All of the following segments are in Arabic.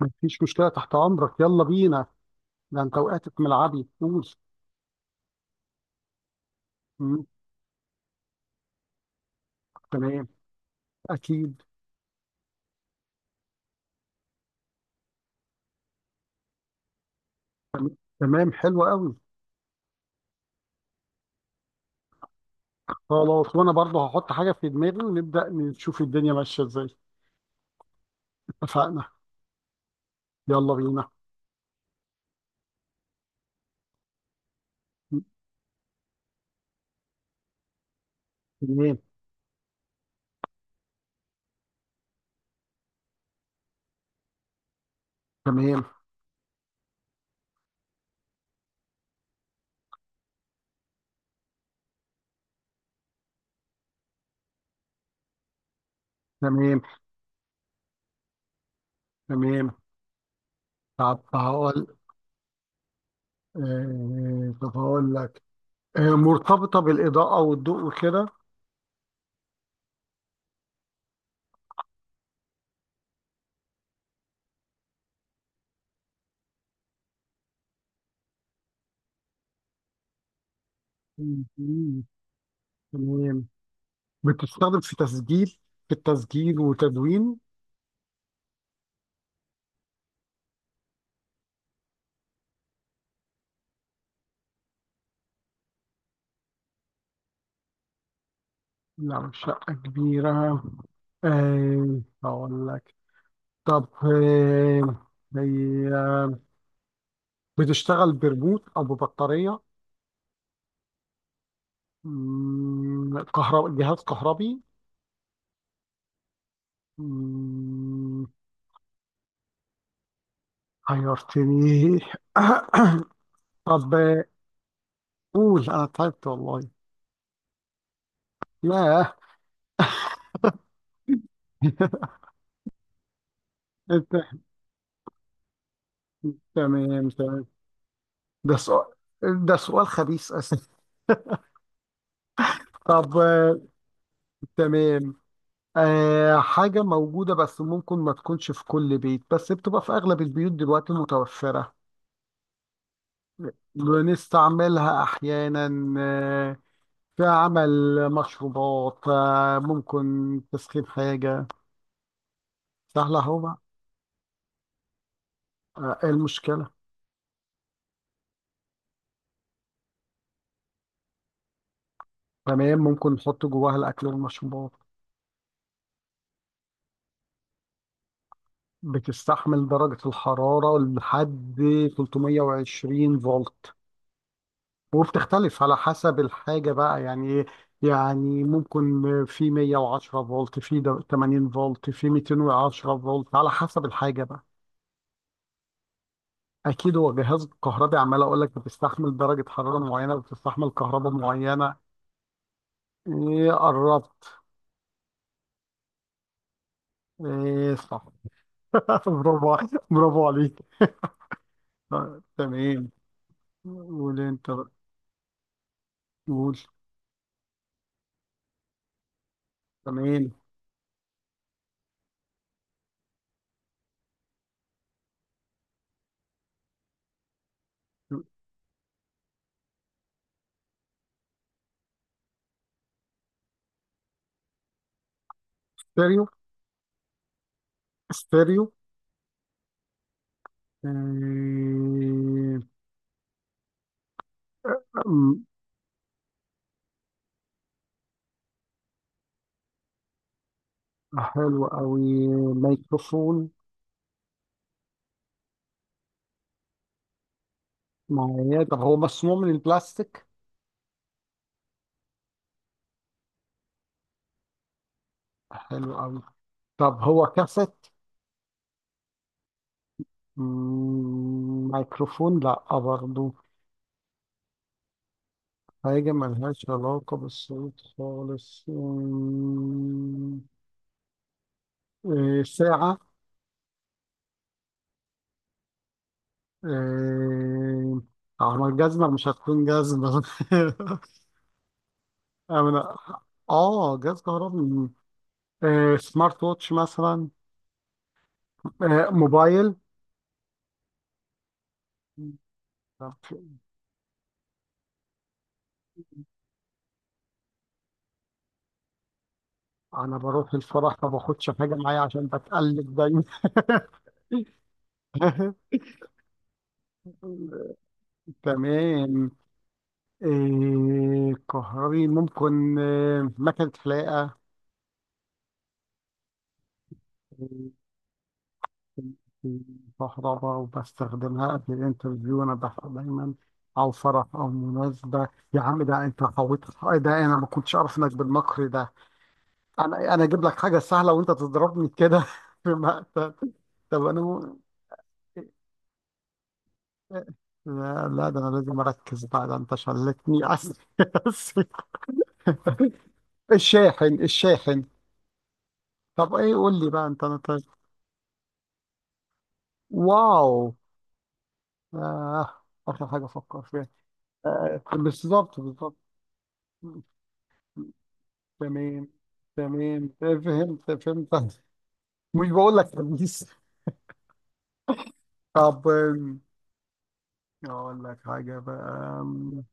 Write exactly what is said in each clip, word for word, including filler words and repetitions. مفيش مشكلة، تحت أمرك. يلا بينا. ده أنت وقعت في ملعبي، قول. مم. تمام. أكيد. تمام، حلو قوي. خلاص، وأنا برضه هحط حاجة في دماغي ونبدأ نشوف الدنيا ماشية إزاي. اتفقنا. يلا بينا. مم. تمام. تمام. تمام. تمام. طب هقول. آه... طب هقول لك. آه... مرتبطة بالإضاءة والضوء وكده. مم. مم. تمام. بتستخدم في تسجيل، في التسجيل وتدوين. لا، مش شقة كبيرة. آه، هقول لك. طب آه، هي بتشتغل بريموت او ببطاريه. مم، كهرباء، جهاز كهربي. مم. حيرتني. طب آه، قول انا تعبت والله. ياه. انت. تمام تمام. ده سؤال، ده سؤال خبيث، اسف. طب آه، تمام. آه، حاجة موجودة بس ممكن ما تكونش في كل بيت، بس بتبقى في أغلب البيوت دلوقتي متوفرة. بنستعملها أحيانا. آه، في عمل مشروبات، آه، ممكن تسخين حاجة. سهلة أهو بقى. آه، إيه المشكلة؟ تمام، ممكن نحط جواها الأكل والمشروبات. بتستحمل درجة الحرارة لحد تلتمية وعشرين فولت. وبتختلف على حسب الحاجة بقى، يعني إيه؟ يعني ممكن في مية وعشرة فولت، في تمانين فولت، في ميتين وعشرة فولت على حسب الحاجة بقى. اكيد هو جهاز كهربي، عمال اقول لك بتستحمل درجه حراره معينه، بتستحمل كهرباء معينه. ايه، قربت. ايه، صح. برافو عليك- برافو عليك. آه، تمام. قول انت بقى. قول. تمام. ستيريو. ستيريو. إيه. أم، حلو قوي. ميكروفون معايا. طب هو مصنوع من البلاستيك؟ حلو قوي. طب هو كاسيت؟ مم، ميكروفون لا برضه. حاجة ملهاش علاقة بالصوت خالص. أمم، إيه، ساعة. إيه، آه، ما الجزمة مش هتكون جزمة. أنا آه جهاز كهربي. إيه، سمارت ووتش مثلا. إيه، موبايل. طب أنا بروح الفرح ما باخدش حاجة معايا عشان بتقلب دايما. تمام. إيه، كهربي، ممكن إيه، مكنة حلاقة. الكهرباء، وبستخدمها قبل الانترفيو، انا بحب دايما، او فرح او مناسبه. يا عم، ده انت حويت. إيه، ده انا ما كنتش اعرف انك بالمكر ده. انا انا اجيب لك حاجه سهله وانت تضربني كده في مقتل. طب انا م... لا لا، ده انا لازم اركز بقى، ده انت شلتني. اسف اسف. الشاحن، الشاحن. طب ايه، قول لي بقى انت انت. واو. آه. اخر حاجه افكر فيها. آه بالظبط، بالظبط. تمام تمام. آه، فهمت، فهمت. مش بقول لك خميس. طب آم، اقول لك حاجه بقى. آم،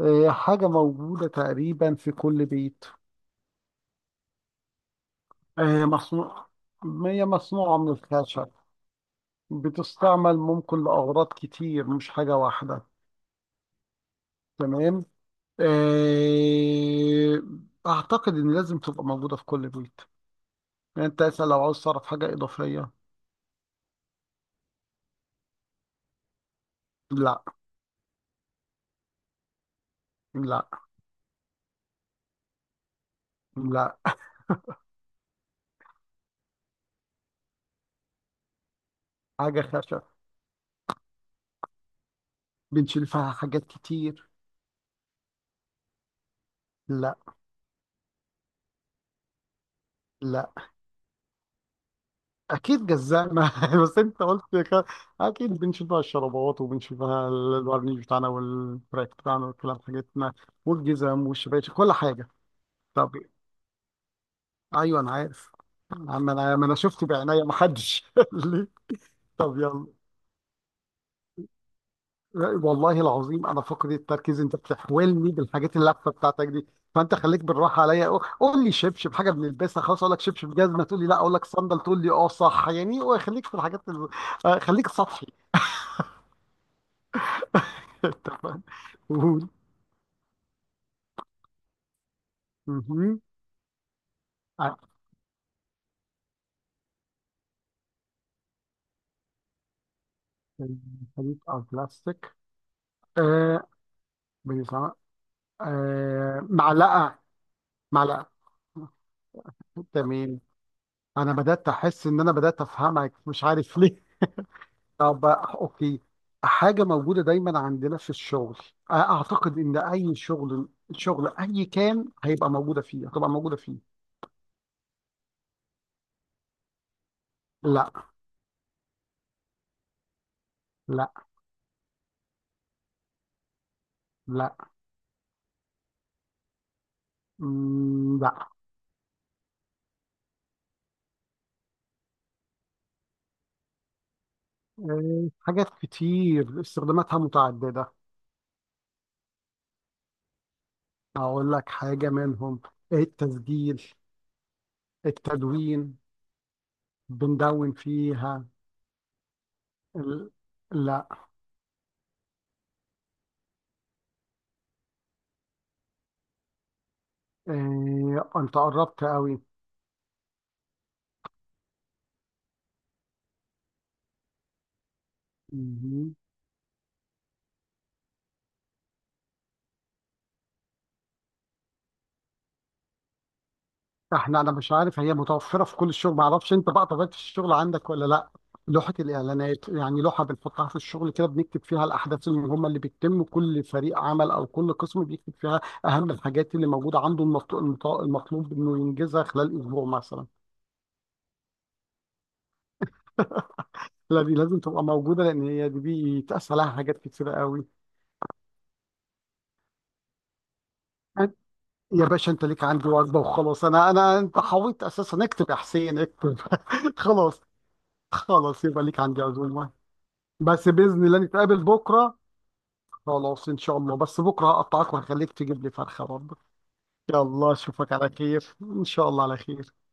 آه، حاجه موجوده تقريبا في كل بيت. آه، مصنوع هي مصنوعه من الخشب. بتستعمل ممكن لاغراض كتير، مش حاجه واحده. تمام. آه، اعتقد ان لازم تبقى موجوده في كل بيت. يعني انت اسال لو عاوز تعرف حاجه اضافيه. لا. لا. لا. حاجه خشب. بنشيل فيها حاجات كتير. لا. لا. اكيد جزانا بس انت قلت ك- اكيد بنشوفها الشرابات، وبنشوفها الورنيش بتاعنا والفراك بتاعنا والكلام حاجتنا، والجزم والشباشب، كل حاجه. طب ايوه، انا عارف. ما انا ما انا شفت بعينيا ما حدش قال لي. طب يلا. والله العظيم انا فقد التركيز، انت بتحولني بالحاجات اللفه بتاعتك دي. فانت خليك بالراحه عليا. قول، قول لي شبشب، حاجه بنلبسها، خلاص اقول لك شبشب. جزمه، تقول لي لا. اقول لك صندل، تقول لي اه صح. يعني خليك في الحاجات ال- آه، خليك سطحي. تمام. قول. مهم. آه. حديد أو بلاستيك. آه. بيسمع. آه، معلقة. معلقة. تمام. أنا بدأت أحس إن أنا بدأت أفهمك، مش عارف ليه. طب أوكي. حاجة موجودة دايما عندنا في الشغل. آه، أعتقد إن أي شغل، شغل أي كان هيبقى موجودة فيه، هتبقى موجودة فيه. لا. لا. لا. مم، لا. آه، حاجات كتير استخداماتها متعددة. أقول لك حاجة منهم: التسجيل، التدوين، بندون فيها. ال... لا. إيه... أنت قربت قوي. مهم. إحنا أنا مش عارف، هي متوفرة في كل الشغل، معرفش أنت بقى طبيعة الشغل عندك ولا لا. لوحة الإعلانات، يعني لوحة بنحطها في الشغل كده، بنكتب فيها الأحداث المهمة اللي بتتم، كل فريق عمل أو كل قسم بيكتب فيها أهم الحاجات اللي موجودة عنده، المط- المط- المطلوب إنه ينجزها خلال أسبوع مثلا. لا، دي لازم تبقى موجودة لأن هي دي بيتقاس عليها حاجات كتيرة قوي. أن- يا باشا، أنت ليك عندي وجبة وخلاص. أنا أنا أنت حاولت أساسا. اكتب يا حسين، اكتب. خلاص. خلاص، يبقى ليك عندي عزومة. بس بإذن الله نتقابل بكرة. خلاص، إن شاء الله. بس بكرة هقطعك وهخليك تجيب لي فرخة برضه. يلا، أشوفك على خير إن شاء الله، على خير.